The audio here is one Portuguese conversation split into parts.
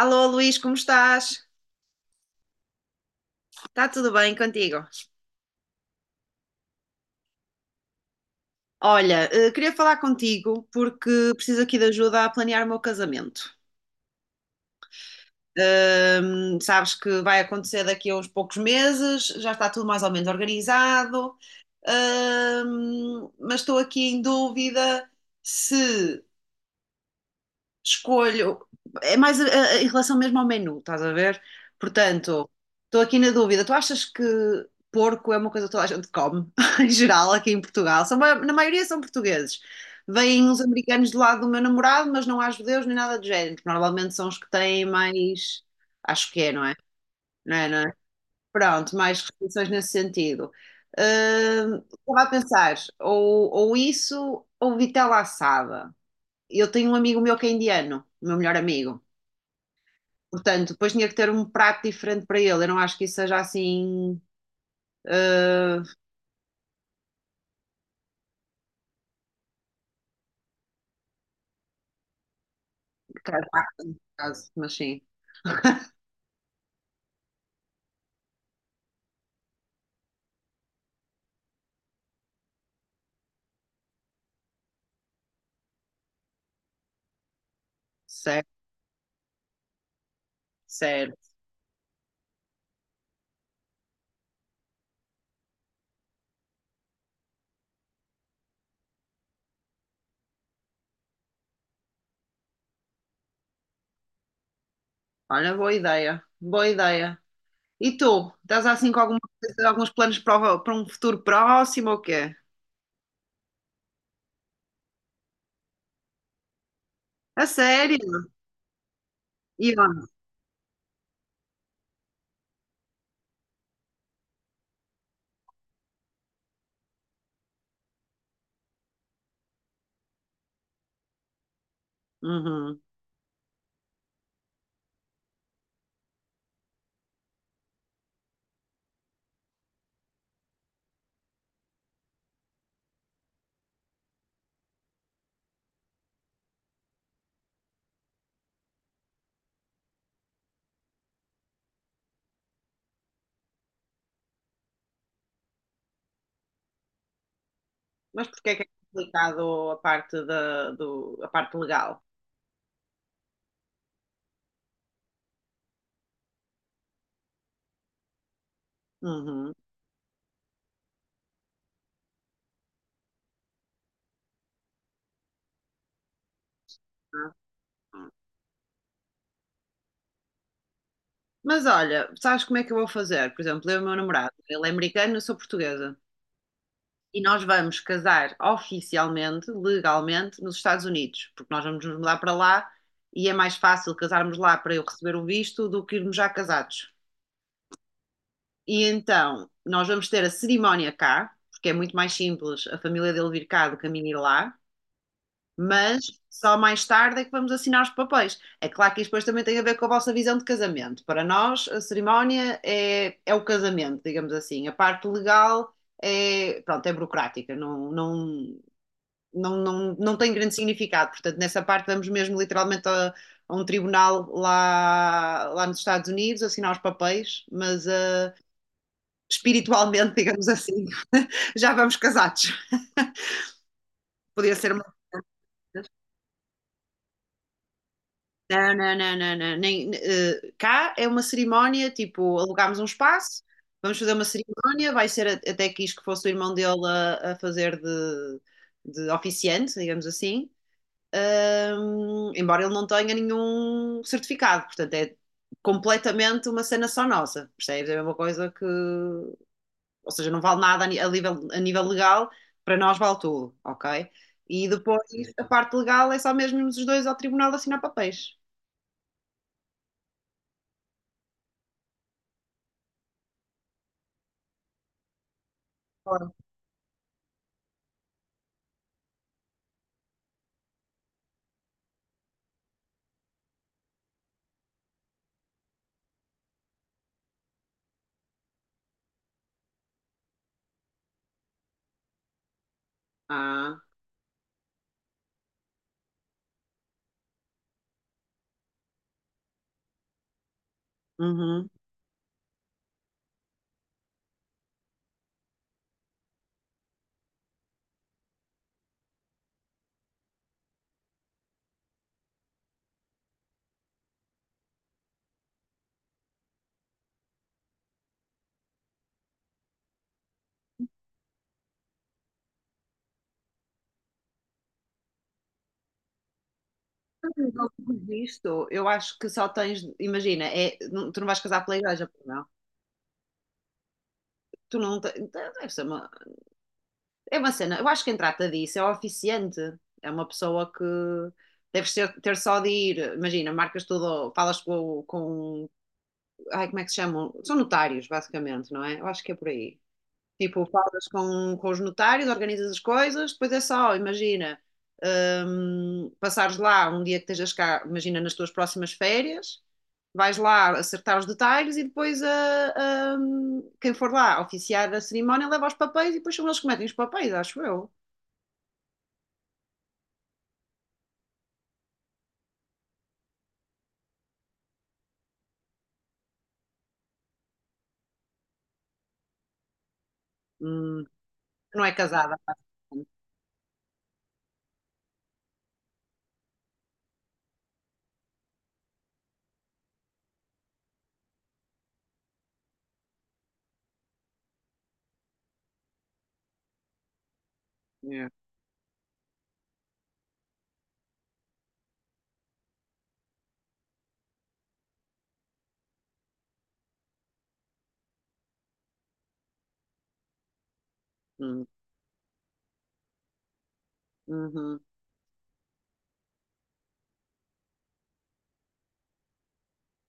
Alô Luís, como estás? Está tudo bem contigo? Olha, queria falar contigo porque preciso aqui de ajuda a planear o meu casamento. Sabes que vai acontecer daqui a uns poucos meses, já está tudo mais ou menos organizado, mas estou aqui em dúvida se escolho, é mais em relação mesmo ao menu, estás a ver? Portanto, estou aqui na dúvida. Tu achas que porco é uma coisa que toda a gente come, em geral, aqui em Portugal? São, na maioria são portugueses. Vêm uns americanos do lado do meu namorado, mas não há judeus nem nada do género. Porque Normalmente são os que têm mais. Acho que é, não é? Não é, não é? Pronto, mais restrições nesse sentido. Estava a pensar, ou isso, ou vitela assada. Eu tenho um amigo meu que é indiano, o meu melhor amigo. Portanto, depois tinha que ter um prato diferente para ele. Eu não acho que isso seja assim caso a caso, mas sim. Certo, certo. Olha, boa ideia. Boa ideia. E tu? Estás assim com alguma coisa, alguns planos para, para um futuro próximo ou quê? A sério? E onde? Uhum. Mas porquê é que é complicado a parte a parte legal? Uhum. Mas olha, sabes como é que eu vou fazer? Por exemplo, eu e o meu namorado, ele é americano, eu sou portuguesa. E nós vamos casar oficialmente, legalmente, nos Estados Unidos, porque nós vamos nos mudar para lá e é mais fácil casarmos lá para eu receber o visto do que irmos já casados. E então nós vamos ter a cerimónia cá, porque é muito mais simples a família dele vir cá do que a minha ir lá, mas só mais tarde é que vamos assinar os papéis. É claro que isto depois também tem a ver com a vossa visão de casamento. Para nós, a cerimónia é o casamento, digamos assim. A parte legal é, pronto, é burocrática, não tem grande significado. Portanto, nessa parte vamos mesmo literalmente a um tribunal lá nos Estados Unidos assinar os papéis, mas ah, espiritualmente, digamos assim, já vamos casados. Podia ser uma. Não. Nem, eh, cá é uma cerimónia, tipo, alugámos um espaço, vamos fazer uma cerimónia, vai ser até quis que fosse o irmão dele a fazer de oficiante, digamos assim. Hum, embora ele não tenha nenhum certificado, portanto é completamente uma cena só nossa, percebes? É a mesma coisa que, ou seja, não vale nada a nível, a nível legal, para nós vale tudo, ok? E depois a parte legal é só mesmo os dois ao tribunal assinar papéis. Claro. Ah, uhum. A nível de eu acho que só tens, imagina, tu não vais casar pela igreja, pois não? Tu não te- deve ser uma. É uma cena, eu acho que quem trata disso é o oficiante, é uma pessoa que deve ser ter só de ir, imagina, marcas tudo, falas ai, como é que se chamam? São notários, basicamente, não é? Eu acho que é por aí. Tipo, falas com os notários, organizas as coisas, depois é só, imagina, passares lá um dia que estejas cá, imagina nas tuas próximas férias, vais lá acertar os detalhes e depois quem for lá oficiar a cerimónia leva os papéis e depois são eles que metem os papéis, acho eu. Hum, não é casada. É. É. Hum, uhum,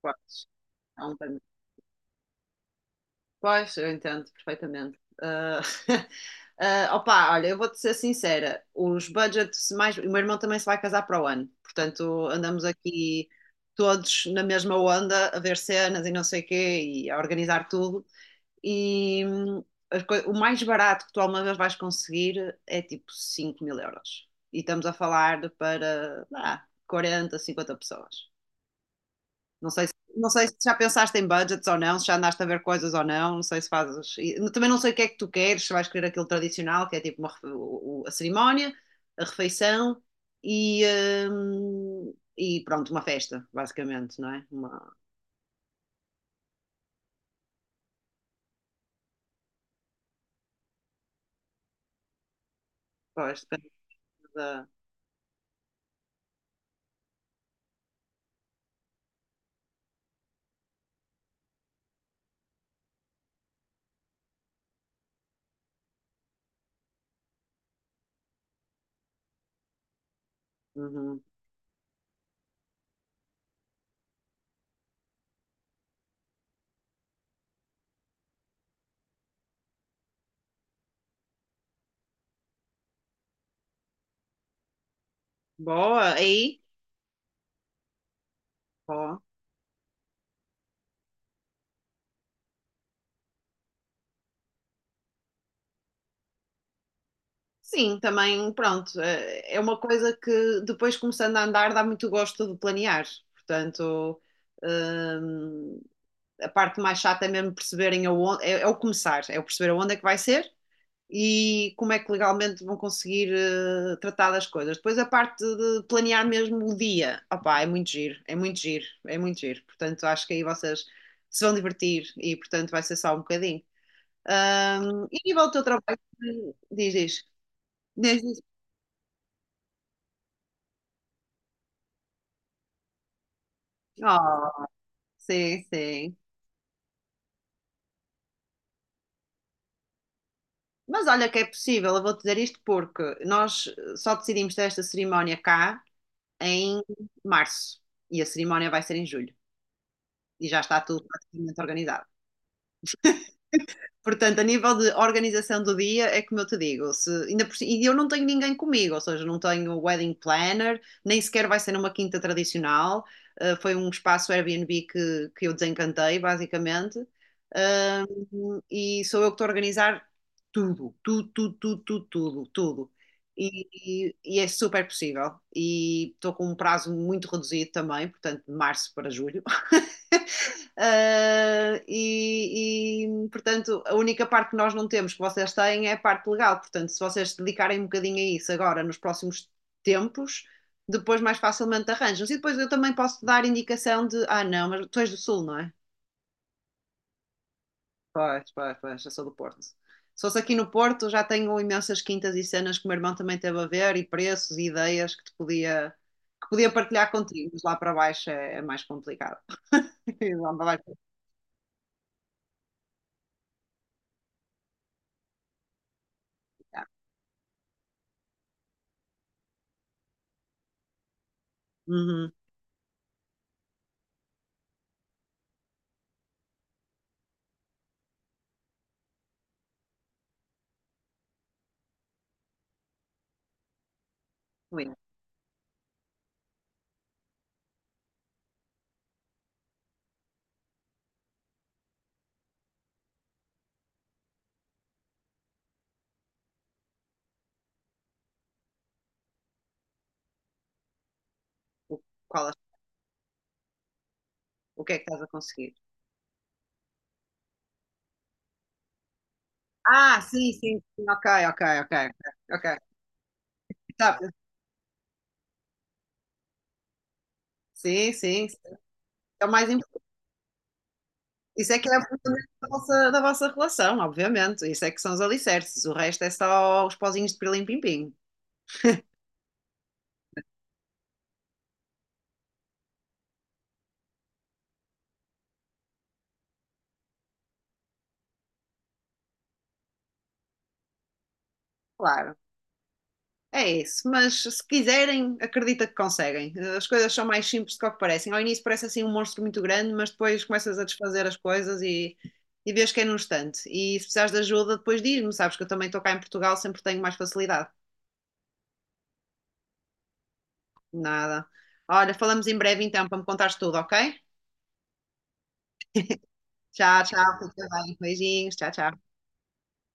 pois, há um tempo. Pois, eu entendo perfeitamente. Ah, ah, opa, olha, eu vou-te ser sincera, os budgets mais. O meu irmão também se vai casar para o ano, portanto, andamos aqui todos na mesma onda a ver cenas e não sei o quê e a organizar tudo. E o mais barato que tu alguma vez vais conseguir é tipo 5000 euros. E estamos a falar de para ah, 40, 50 pessoas. Não sei, não sei se já pensaste em budgets ou não, se já andaste a ver coisas ou não, não sei se fazes. E também não sei o que é que tu queres, se vais querer aquilo tradicional, que é tipo uma a cerimónia, a refeição e, e pronto, uma festa, basicamente, não é? Uma, pois, depende da. Uhum. Boa, aí? Boa. Sim, também, pronto, eh, é uma coisa que depois começando a andar dá muito gosto de planear. Portanto, hum, a parte mais chata é mesmo perceberem aonde, é o começar, é o perceber aonde é que vai ser e como é que legalmente vão conseguir tratar das coisas. Depois a parte de planear mesmo o dia, opá, é muito giro, é muito giro, é muito giro. Portanto, acho que aí vocês se vão divertir e, portanto, vai ser só um bocadinho. E a nível do teu trabalho, diz, diz. Oh, sim, sim. Mas olha que é possível, eu vou te dizer isto porque nós só decidimos ter esta cerimónia cá em março e a cerimónia vai ser em julho e já está tudo praticamente organizado. Portanto, a nível de organização do dia, é como eu te digo, se, ainda por, e eu não tenho ninguém comigo, ou seja, não tenho um wedding planner, nem sequer vai ser numa quinta tradicional. Foi um espaço Airbnb que eu desencantei, basicamente. Um, e sou eu que estou a organizar tudo, tudo, tudo, tudo, tudo, tudo, tudo. E é super possível. E estou com um prazo muito reduzido também, portanto, de março para julho. Portanto, a única parte que nós não temos, que vocês têm, é a parte legal. Portanto, se vocês se dedicarem um bocadinho a isso agora, nos próximos tempos, depois mais facilmente arranjam. E depois eu também posso dar indicação de: ah, não, mas tu és do Sul, não é? Pois, eu sou do Porto. Se fosse aqui no Porto, já tenho imensas quintas e cenas que o meu irmão também teve a ver, e preços e ideias que podia partilhar contigo, mas lá para baixo é, é mais complicado. Lá para baixo é complicado. Uhum. Ui, qual o que é que estás a conseguir. Ah, sim, ok, ok. Ok. Tá, sim, sim, é o mais importante. Isso é que é o fundamento da vossa relação, obviamente. Isso é que são os alicerces. O resto é só os pozinhos de pirlim-pim-pim. Claro, é isso. Mas se quiserem, acredita que conseguem. As coisas são mais simples do que o que parecem. Ao início parece assim um monstro muito grande, mas depois começas a desfazer as coisas e vês que é num instante. E se precisares de ajuda, depois diz-me. Sabes que eu também estou cá em Portugal, sempre tenho mais facilidade. Nada. Olha, falamos em breve então para me contares tudo, ok? Tchau, tchau, fica bem. Beijinhos, tchau, tchau.